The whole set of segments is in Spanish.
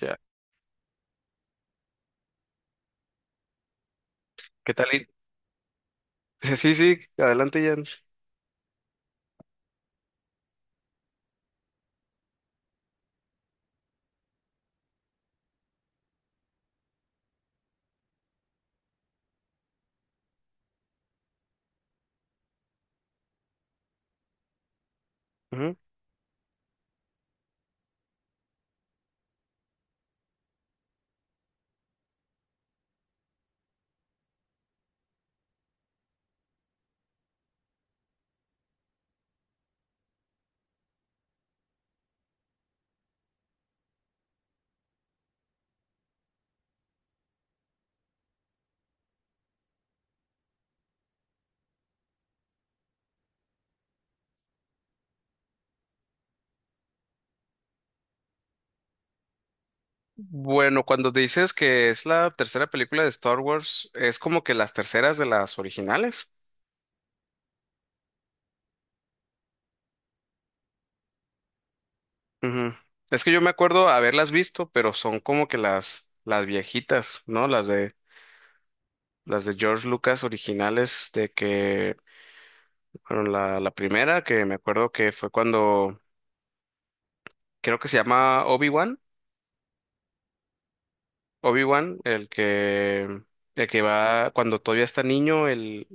Ya. ¿Qué tal? Sí, sí, adelante, Jan. Ujú. Bueno, cuando dices que es la tercera película de Star Wars, es como que las terceras de las originales. Ujú. Es que yo me acuerdo haberlas visto, pero son como que las viejitas, ¿no? Las de George Lucas originales, de que, bueno, la primera que me acuerdo que fue cuando, creo que se llama Obi-Wan, Obi-Wan, el que va cuando todavía está niño, el,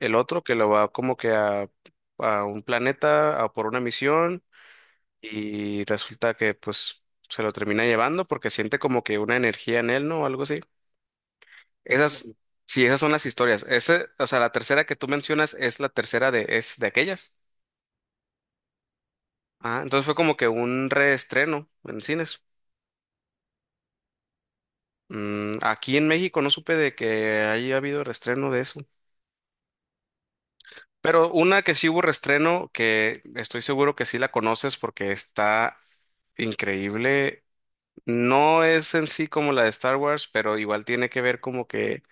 el otro que lo va como que a un planeta a por una misión y resulta que pues se lo termina llevando porque siente como que una energía en él, ¿no? O algo así. Esas, ujú, sí, esas son las historias. Ese, o sea, la tercera que tú mencionas es la tercera de, es de aquellas. Ah, entonces fue como que un reestreno en cines. Aquí en México no supe de que haya habido reestreno de eso. Pero una que sí hubo reestreno, que estoy seguro que sí la conoces porque está increíble. No es en sí como la de Star Wars, pero igual tiene que ver como que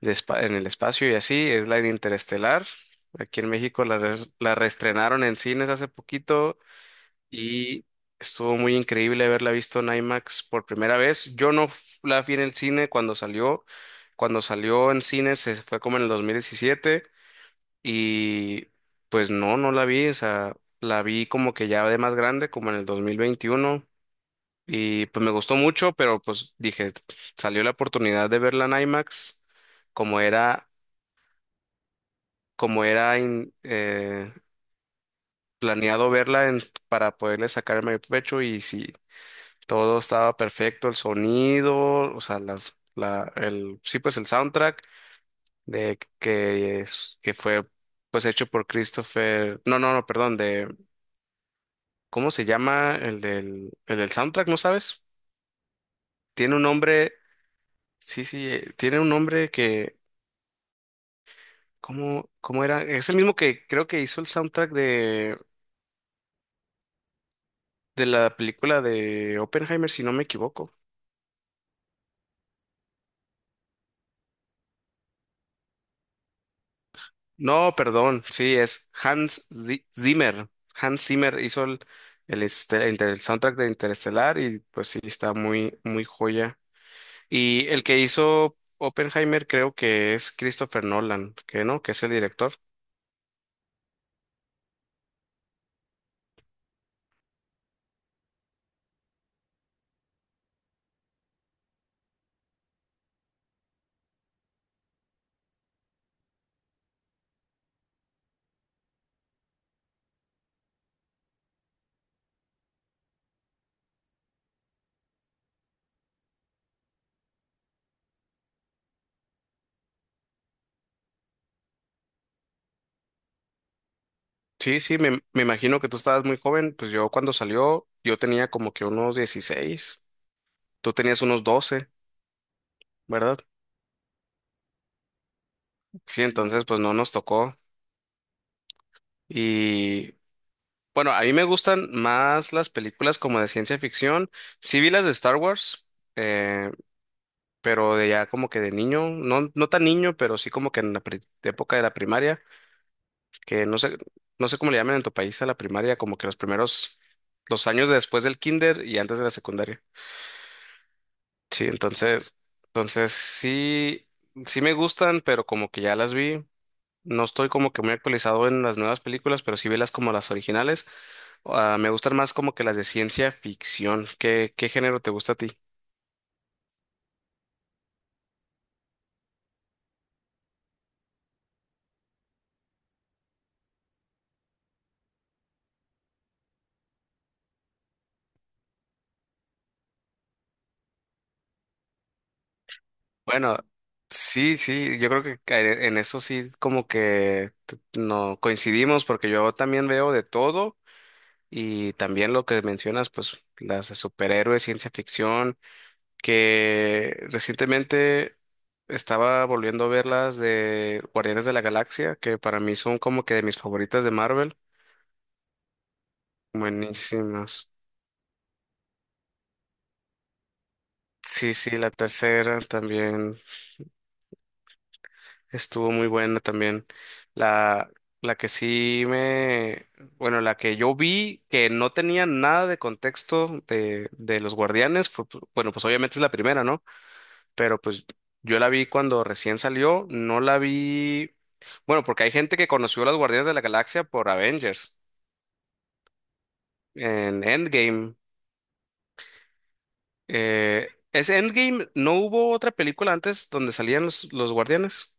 de en el espacio y así, es la de Interestelar. Aquí en México la reestrenaron en cines hace poquito y estuvo muy increíble haberla visto en IMAX por primera vez. Yo no la vi en el cine cuando salió. Cuando salió en cines se fue como en el 2017 y pues no la vi, o sea, la vi como que ya de más grande, como en el 2021. Y pues me gustó mucho, pero pues dije, salió la oportunidad de verla en IMAX, como era planeado para poderle sacar el pecho y si todo estaba perfecto, el sonido, o sea, sí, pues el soundtrack de que, que fue pues hecho por Christopher, no, no, no, perdón, de, ¿cómo se llama el del soundtrack, no sabes? Tiene un nombre, sí, sí, tiene un nombre que, ¿cómo era? Es el mismo que creo que hizo el soundtrack de, la película de Oppenheimer, si no me equivoco. No, perdón, sí, es Hans Zimmer. Hans Zimmer hizo el soundtrack de Interestelar y pues sí, está muy, muy joya. Y el que hizo Oppenheimer creo que es Christopher Nolan, que no, que es el director. Sí, sí, me imagino que tú estabas muy joven, pues yo cuando salió, yo tenía como que unos 16, tú tenías unos 12, ¿verdad? Sí, entonces pues no nos tocó. Y bueno, a mí me gustan más las películas como de ciencia ficción. Sí vi las de Star Wars, eh, pero de ya como que de niño, no, no tan niño, pero sí como que en la época de la primaria, que no sé cómo le llaman en tu país a la primaria, como que los primeros, los años después del kinder y antes de la secundaria. Sí, entonces, sí, sí me gustan, pero como que ya las vi. No estoy como que muy actualizado en las nuevas películas, pero sí vi las como las originales. Ah, me gustan más como que las de ciencia ficción. ¿Qué género te gusta a ti? Bueno, sí, sí, yo creo que en eso sí como que no coincidimos porque yo también veo de todo y también lo que mencionas, pues las de superhéroes, ciencia ficción, que recientemente estaba volviendo a ver las de Guardianes de la Galaxia, que para mí son como que de mis favoritas de Marvel. Buenísimas. Sí, sí, la tercera también. Estuvo muy buena también. La, la que sí me, bueno, la que yo vi que no tenía nada de contexto de los Guardianes, fue, bueno, pues obviamente es la primera, ¿no? Pero pues yo la vi cuando recién salió, no la vi, bueno, porque hay gente que conoció a los Guardianes de la Galaxia por Avengers en Endgame. ¿Es Endgame? ¿No hubo otra película antes donde salían los Guardianes?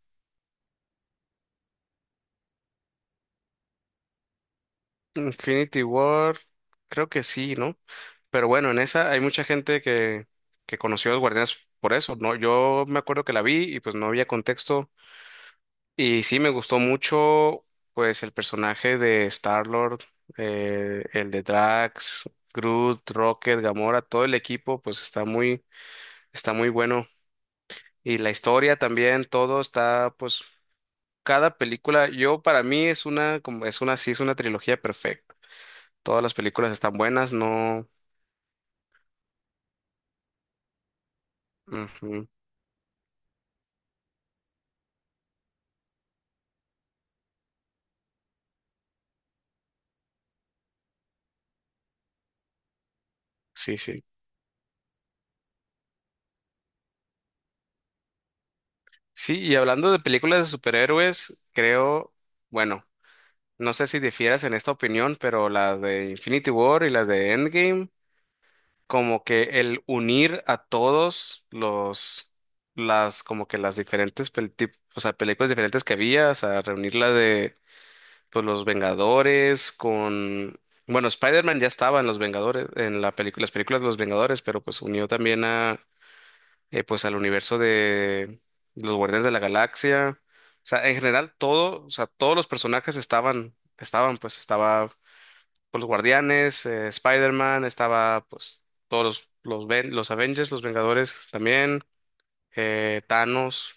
Infinity War, creo que sí, ¿no? Pero bueno, en esa hay mucha gente que conoció a los Guardianes por eso, ¿no? Yo me acuerdo que la vi y pues no había contexto. Y sí, me gustó mucho, pues, el personaje de Star-Lord, el de Drax, Groot, Rocket, Gamora, todo el equipo, pues está muy bueno. Y la historia también, todo está, pues, cada película, yo para mí es una, como es una, sí, es una trilogía perfecta. Todas las películas están buenas, no. Ujú. Sí, sí. Sí, y hablando de películas de superhéroes, creo, bueno, no sé si difieras en esta opinión, pero las de Infinity War y las de Endgame, como que el unir a todos como que las diferentes, o sea, películas diferentes que había, o sea, reunir la de, pues, los Vengadores con, bueno, Spider-Man ya estaba en los Vengadores, en la película, las películas de los Vengadores, pero pues unió también pues al universo de los Guardianes de la Galaxia. O sea, en general todo, o sea, todos los personajes estaban, pues estaba pues, los Guardianes, Spider-Man, estaba pues todos los Avengers, los Vengadores también, Thanos.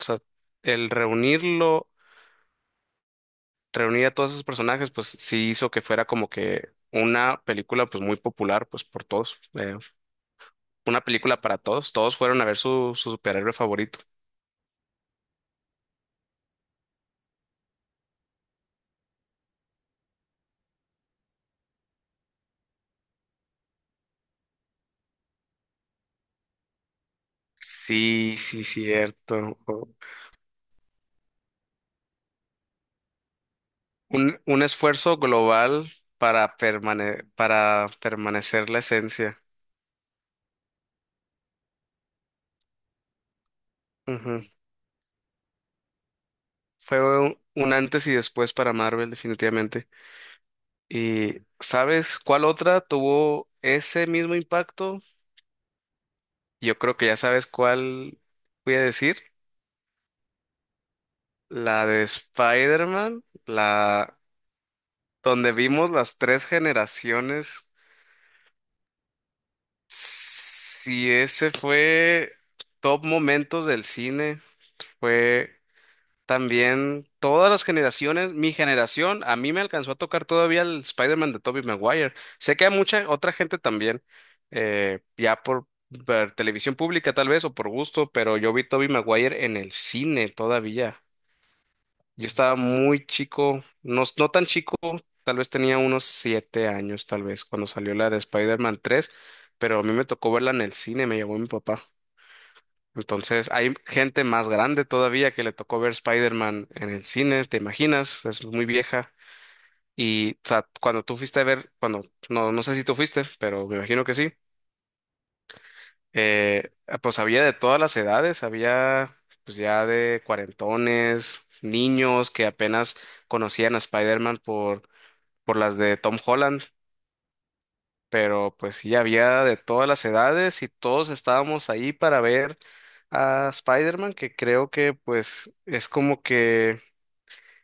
O sea, el reunirlo, reunir a todos esos personajes, pues sí hizo que fuera como que una película pues muy popular pues por todos, una película para todos, todos fueron a ver su superhéroe favorito. Sí, sí, cierto. Un esfuerzo global para, para permanecer la esencia. Ujú. Fue un antes y después para Marvel, definitivamente. Y ¿sabes cuál otra tuvo ese mismo impacto? Yo creo que ya sabes cuál voy a decir. La de Spider-Man, la donde vimos las tres generaciones. Sí, ese fue top momentos del cine. Fue también todas las generaciones, mi generación, a mí me alcanzó a tocar todavía el Spider-Man de Tobey Maguire. Sé que a mucha otra gente también, ya por, ver televisión pública tal vez o por gusto, pero yo vi Tobey Maguire en el cine todavía. Yo estaba muy chico, no, no tan chico, tal vez tenía unos 7 años tal vez cuando salió la de Spider-Man 3, pero a mí me tocó verla en el cine, me llevó mi papá. Entonces, hay gente más grande todavía que le tocó ver Spider-Man en el cine, ¿te imaginas? Es muy vieja. Y o sea, cuando tú fuiste a ver, cuando, no, no sé si tú fuiste, pero me imagino que sí, eh, pues había de todas las edades, había pues ya de cuarentones, niños que apenas conocían a Spider-Man por las de Tom Holland, pero pues sí, había de todas las edades y todos estábamos ahí para ver a Spider-Man, que creo que pues es como que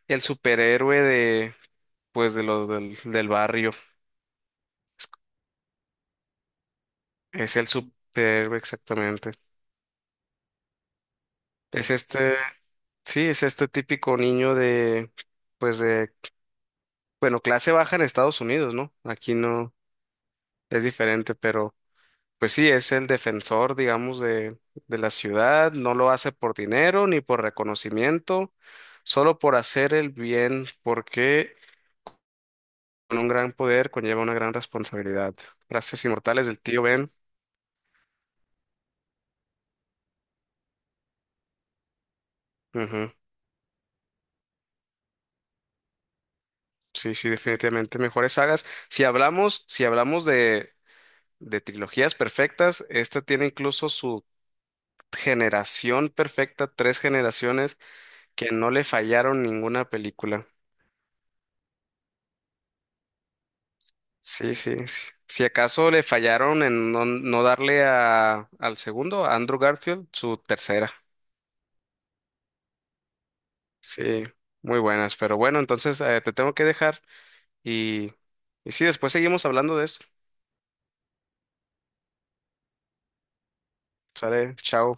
el superhéroe de pues de los del barrio. Es, es el superhéroe exactamente. Es este, sí, es este típico niño de pues de, bueno, clase baja en Estados Unidos, ¿no? Aquí no es diferente, pero pues sí, es el defensor, digamos, de la ciudad, no lo hace por dinero ni por reconocimiento, solo por hacer el bien, porque con un gran poder conlleva una gran responsabilidad. Frases inmortales del tío Ben. Ujú. Sí, sí, definitivamente mejores sagas. Si hablamos de trilogías perfectas, esta tiene incluso su generación perfecta, tres generaciones que no le fallaron ninguna película. Sí, sí, sí. Si acaso le fallaron en no, no darle a, al segundo, a Andrew Garfield, su tercera. Sí, muy buenas. Pero bueno, entonces te tengo que dejar y, y sí, después seguimos hablando de esto. Sale, chao.